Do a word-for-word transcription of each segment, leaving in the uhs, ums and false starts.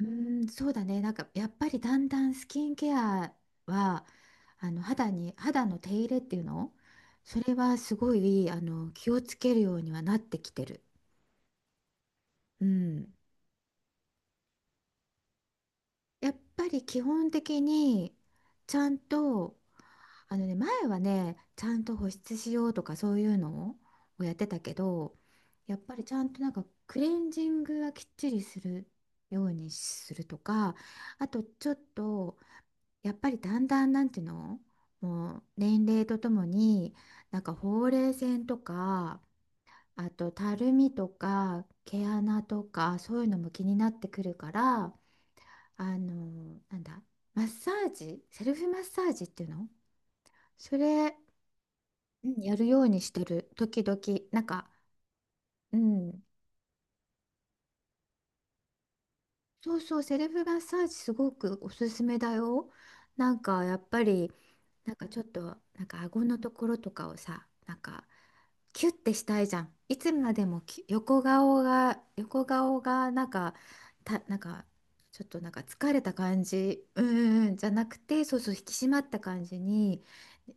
うーん、そうだね。なんかやっぱりだんだんスキンケアはあの肌に肌の手入れっていうの、それはすごい、あの気をつけるようにはなってきてる。うん。やっぱり基本的にちゃんと、あのね、前はね、ちゃんと保湿しようとか、そういうのをやってたけど、やっぱりちゃんと、なんかクレンジングはきっちりするようにするとか、あとちょっと、やっぱりだんだん、なんていうの、もう年齢とともに、なんかほうれい線とか、あとたるみとか毛穴とか、そういうのも気になってくるから、あのなんだマッサージ、セルフマッサージっていうの、それ、うん、やるようにしてる、時々。なんかうん、そうそう、セルフマッサージすごくおすすめだよ。なんかやっぱりなんかちょっとなんか顎のところとかをさ、なんかキュッてしたいじゃん。いつまでも、き横顔が、横顔がなんかたなんかちょっとなんか疲れた感じ、うーんじゃなくて、そうそう、引き締まった感じに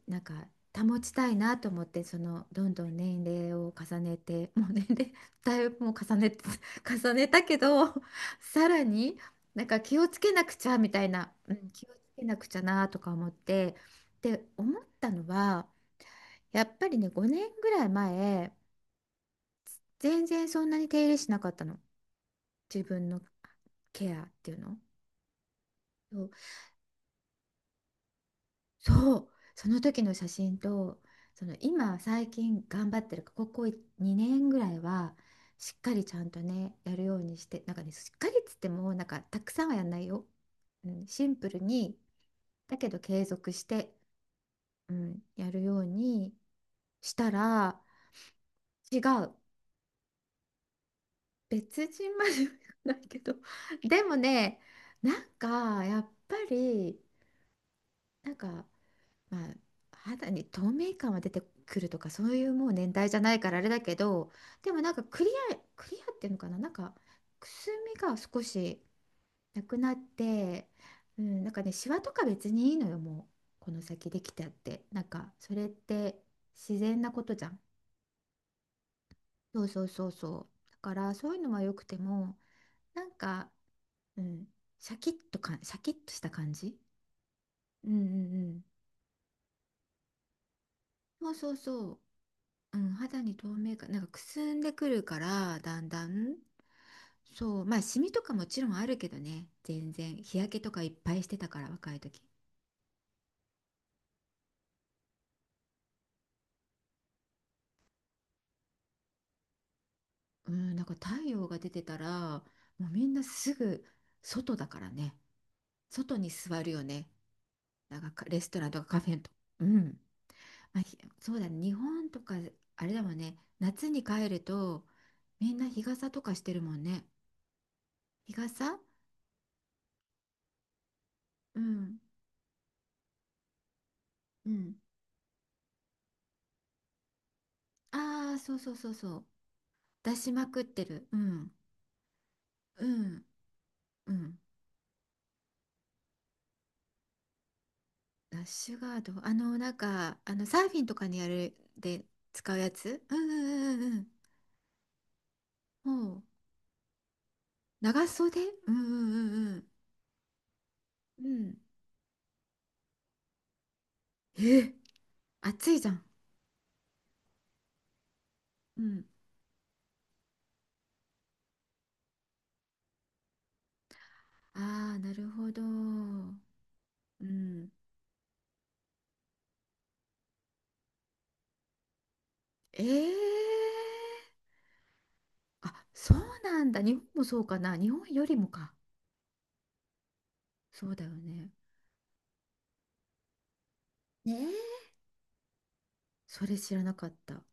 なんか保ちたいなと思って。その、どんどん年齢を重ねて、もう年齢だいぶもう重ねて、 重ねたけど、さらになんか気をつけなくちゃみたいな、うん、気をつけなくちゃなとか思って。で、思ったのは、やっぱりね、ごねんぐらい前、全然そんなに手入れしなかったの、自分のケアっていうの。そうそう、その時の写真と、その、今最近頑張ってるか、ここにねんぐらいはしっかりちゃんとね、やるようにして。なんかね、しっかりっつっても、なんかたくさんはやんないよ。うん、シンプルに、だけど継続してうん、やるようにしたら、違う。別人までは言わないけど、でもね、なんかやっぱり、なんか、まあ、肌に透明感は出てくるとか、そういうもう年代じゃないからあれだけど、でもなんかクリア、クリアっていうのかな、なんかくすみが少しなくなって、うん、なんかね、シワとか別にいいのよ、もう、この先できたって。なんか、それって自然なことじゃん。そうそうそうそう。だから、そういうのは良くても、なんか、うん、シャキッとか、シャキッとした感じ。うんうんうん。そうそうそう。うん、肌に透明感、なんかくすんでくるから、だんだん。そう、まあ、シミとかもちろんあるけどね、全然。日焼けとかいっぱいしてたから、若い時。うん、なんか太陽が出てたら、もうみんなすぐ外だからね。外に座るよね。なんかかレストランとかカフェとか。うん。まあ、ひそうだね、日本とか、あれだもんね、夏に帰ると、みんな日傘とかしてるもんね。日傘、うん。うん。ああ、そうそうそうそう。出しまくってる。うん。うん。うん。ラッシュガード。あの、なんか、あの、サーフィンとかにやるで使うやつ。うんうんうんうん。もう、長袖、うんうんうんうん。うん。え、暑いじゃん。うん。ああ、なるほど。うん。ええ、あ、そうなんだ。日本もそうかな。日本よりもか。そうだよね。ねえ、それ知らなかった。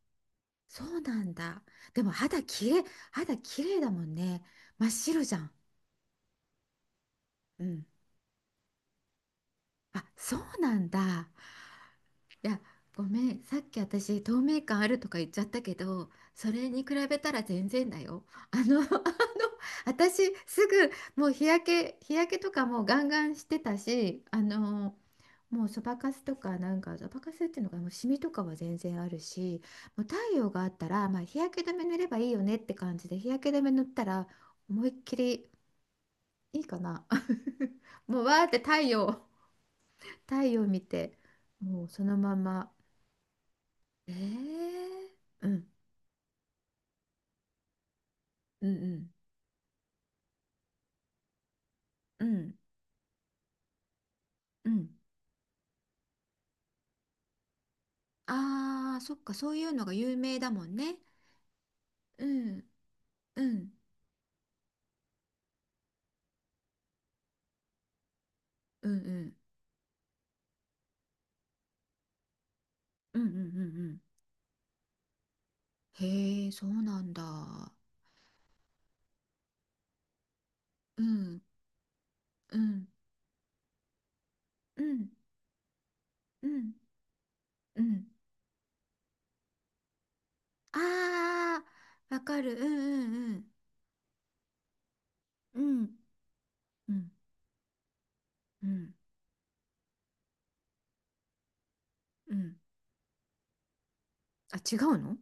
そうなんだ。でも肌きれい、肌きれいだもんね。真っ白じゃん。うん。あ、そうなんだ。いや、ごめん。さっき私、透明感あるとか言っちゃったけど、それに比べたら全然だよ。あの、あの、私、すぐ、もう日焼け、日焼けとかもうガンガンしてたし、あの、もうそばかすとか、なんか、そばかすっていうのかな、もうシミとかは全然あるし、もう太陽があったら、まあ、日焼け止め塗ればいいよねって感じで、日焼け止め塗ったら、思いっきりいいかな。もうわーって太陽、太陽見て、もうそのまま。ええ、うん、うん、うん、うん、うん。ああ、そっか、そういうのが有名だもんね。うん、うん、うん、うん、うん、うん、うんうん。へえ、そうなんだ。うん、うん、うん、うん、うん。ああ、わかる。うん、うん、うん、うん、うん、うん。うん、あ、違うの。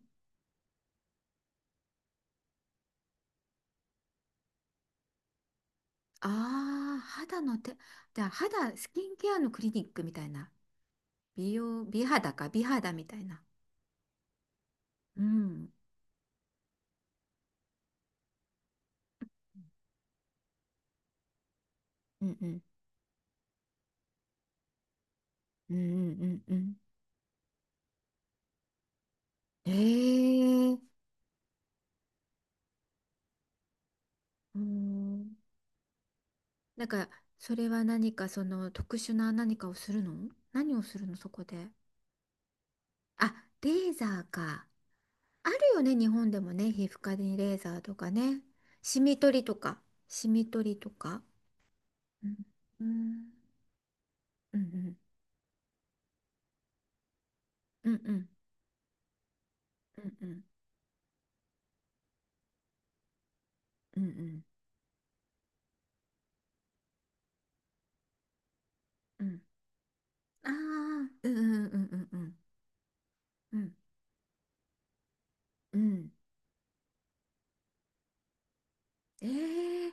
ああー、肌の手、じゃあ肌、スキンケアのクリニックみたいな。美容、美肌か、美肌みたいな。うんうんうんうんうんうんうん、ええ、うん、なんかそれは何かその特殊な何かをするの、何をするのそこで。あ、レーザーか。あるよね、日本でもね、皮膚科にレーザーとかね、シミ取りとか、シミ取りとか。うんうんうんうんうんうんうんうんうんうん、ああー、うんうんうんうんうんうん、うん、ええ、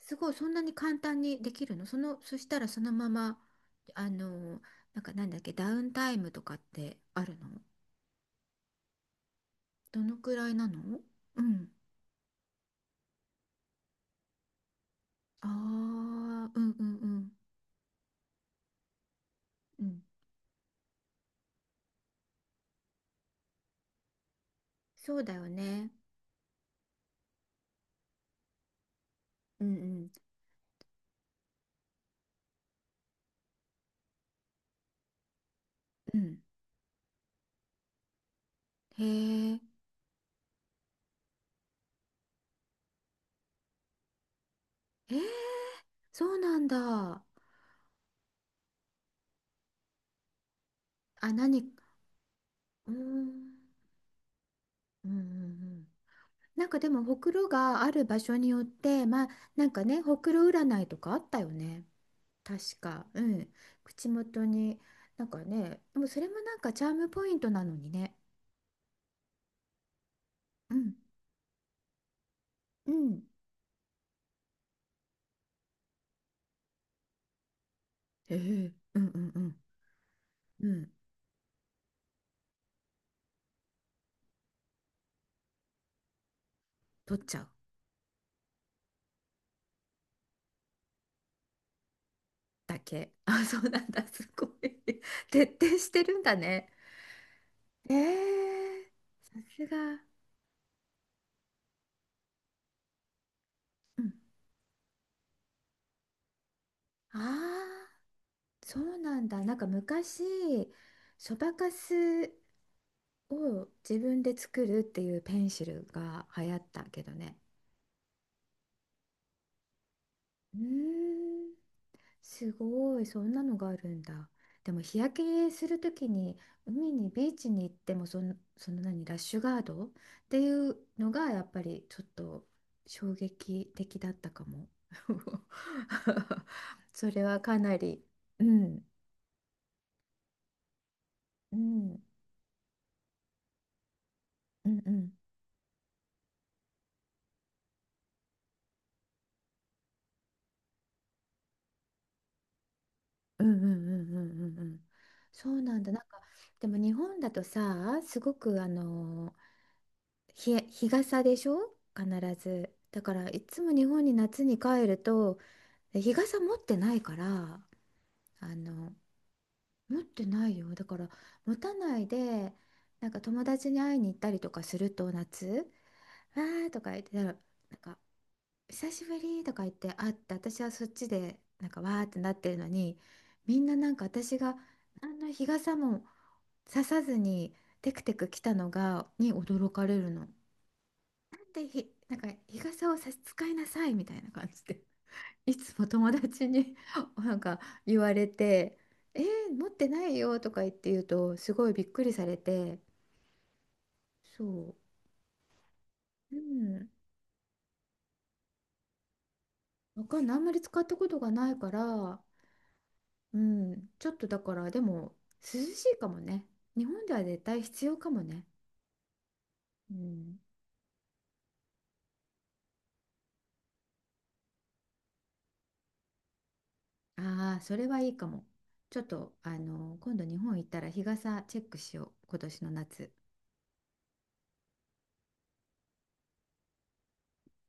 すごい、そんなに簡単にできるの、その、そしたらそのまま、あの、なんかなんだっけ、ダウンタイムとかってあるの、どのくらいなの。うん。ああ、うんうんうん。うん。そうだよね。うんうん。うん。へえ。えー、そうなんだ。あ、何、うーん。うんうんうん、なんかでも、ほくろがある場所によって、まあ、なんかね、ほくろ占いとかあったよね。確か、うん、口元に、なんかね、でもそれもなんかチャームポイントなのにね、うん、うん、ええ、うんうんうん、うん、取っちゃうだけ。あ、そうなんだ、すごい。徹底してるんだね。ええ、さすが。うん、ああ、そうなんだ。なんか昔、そばかすを自分で作るっていうペンシルが流行ったけどね。うーん、すごい、そんなのがあるんだ。でも日焼けするときに海にビーチに行っても、その、その何ラッシュガードっていうのがやっぱりちょっと衝撃的だったかも。それはかなり、うん、うん、うんうんうんうんうんうんうんうん、そうなんだ。なんかでも日本だとさ、すごくあの、日、日傘でしょ、必ず。だからいつも日本に夏に帰ると、で、日傘持ってないから、あの、持ってないよ、だから持たないで、なんか友達に会いに行ったりとかすると夏、「わー」とか言ってたら、なんか「久しぶり」とか言って会って、私はそっちでなんかわーってなってるのに、みんな、なんか私が何の日傘もささずにテクテク来たのがに驚かれるの。なんでひ、なんか日傘を差し使いなさいみたいな感じで、いつも友達に なんか言われて、「えー、持ってないよ」とか言って言うと、すごいびっくりされて、そう、うん、わかんない、あんまり使ったことがないから、うん、ちょっとだからでも涼しいかもね、日本では絶対必要かもね、うん、ああ、それはいいかも。ちょっとあの、今度日本行ったら日傘チェックしよう、今年の夏。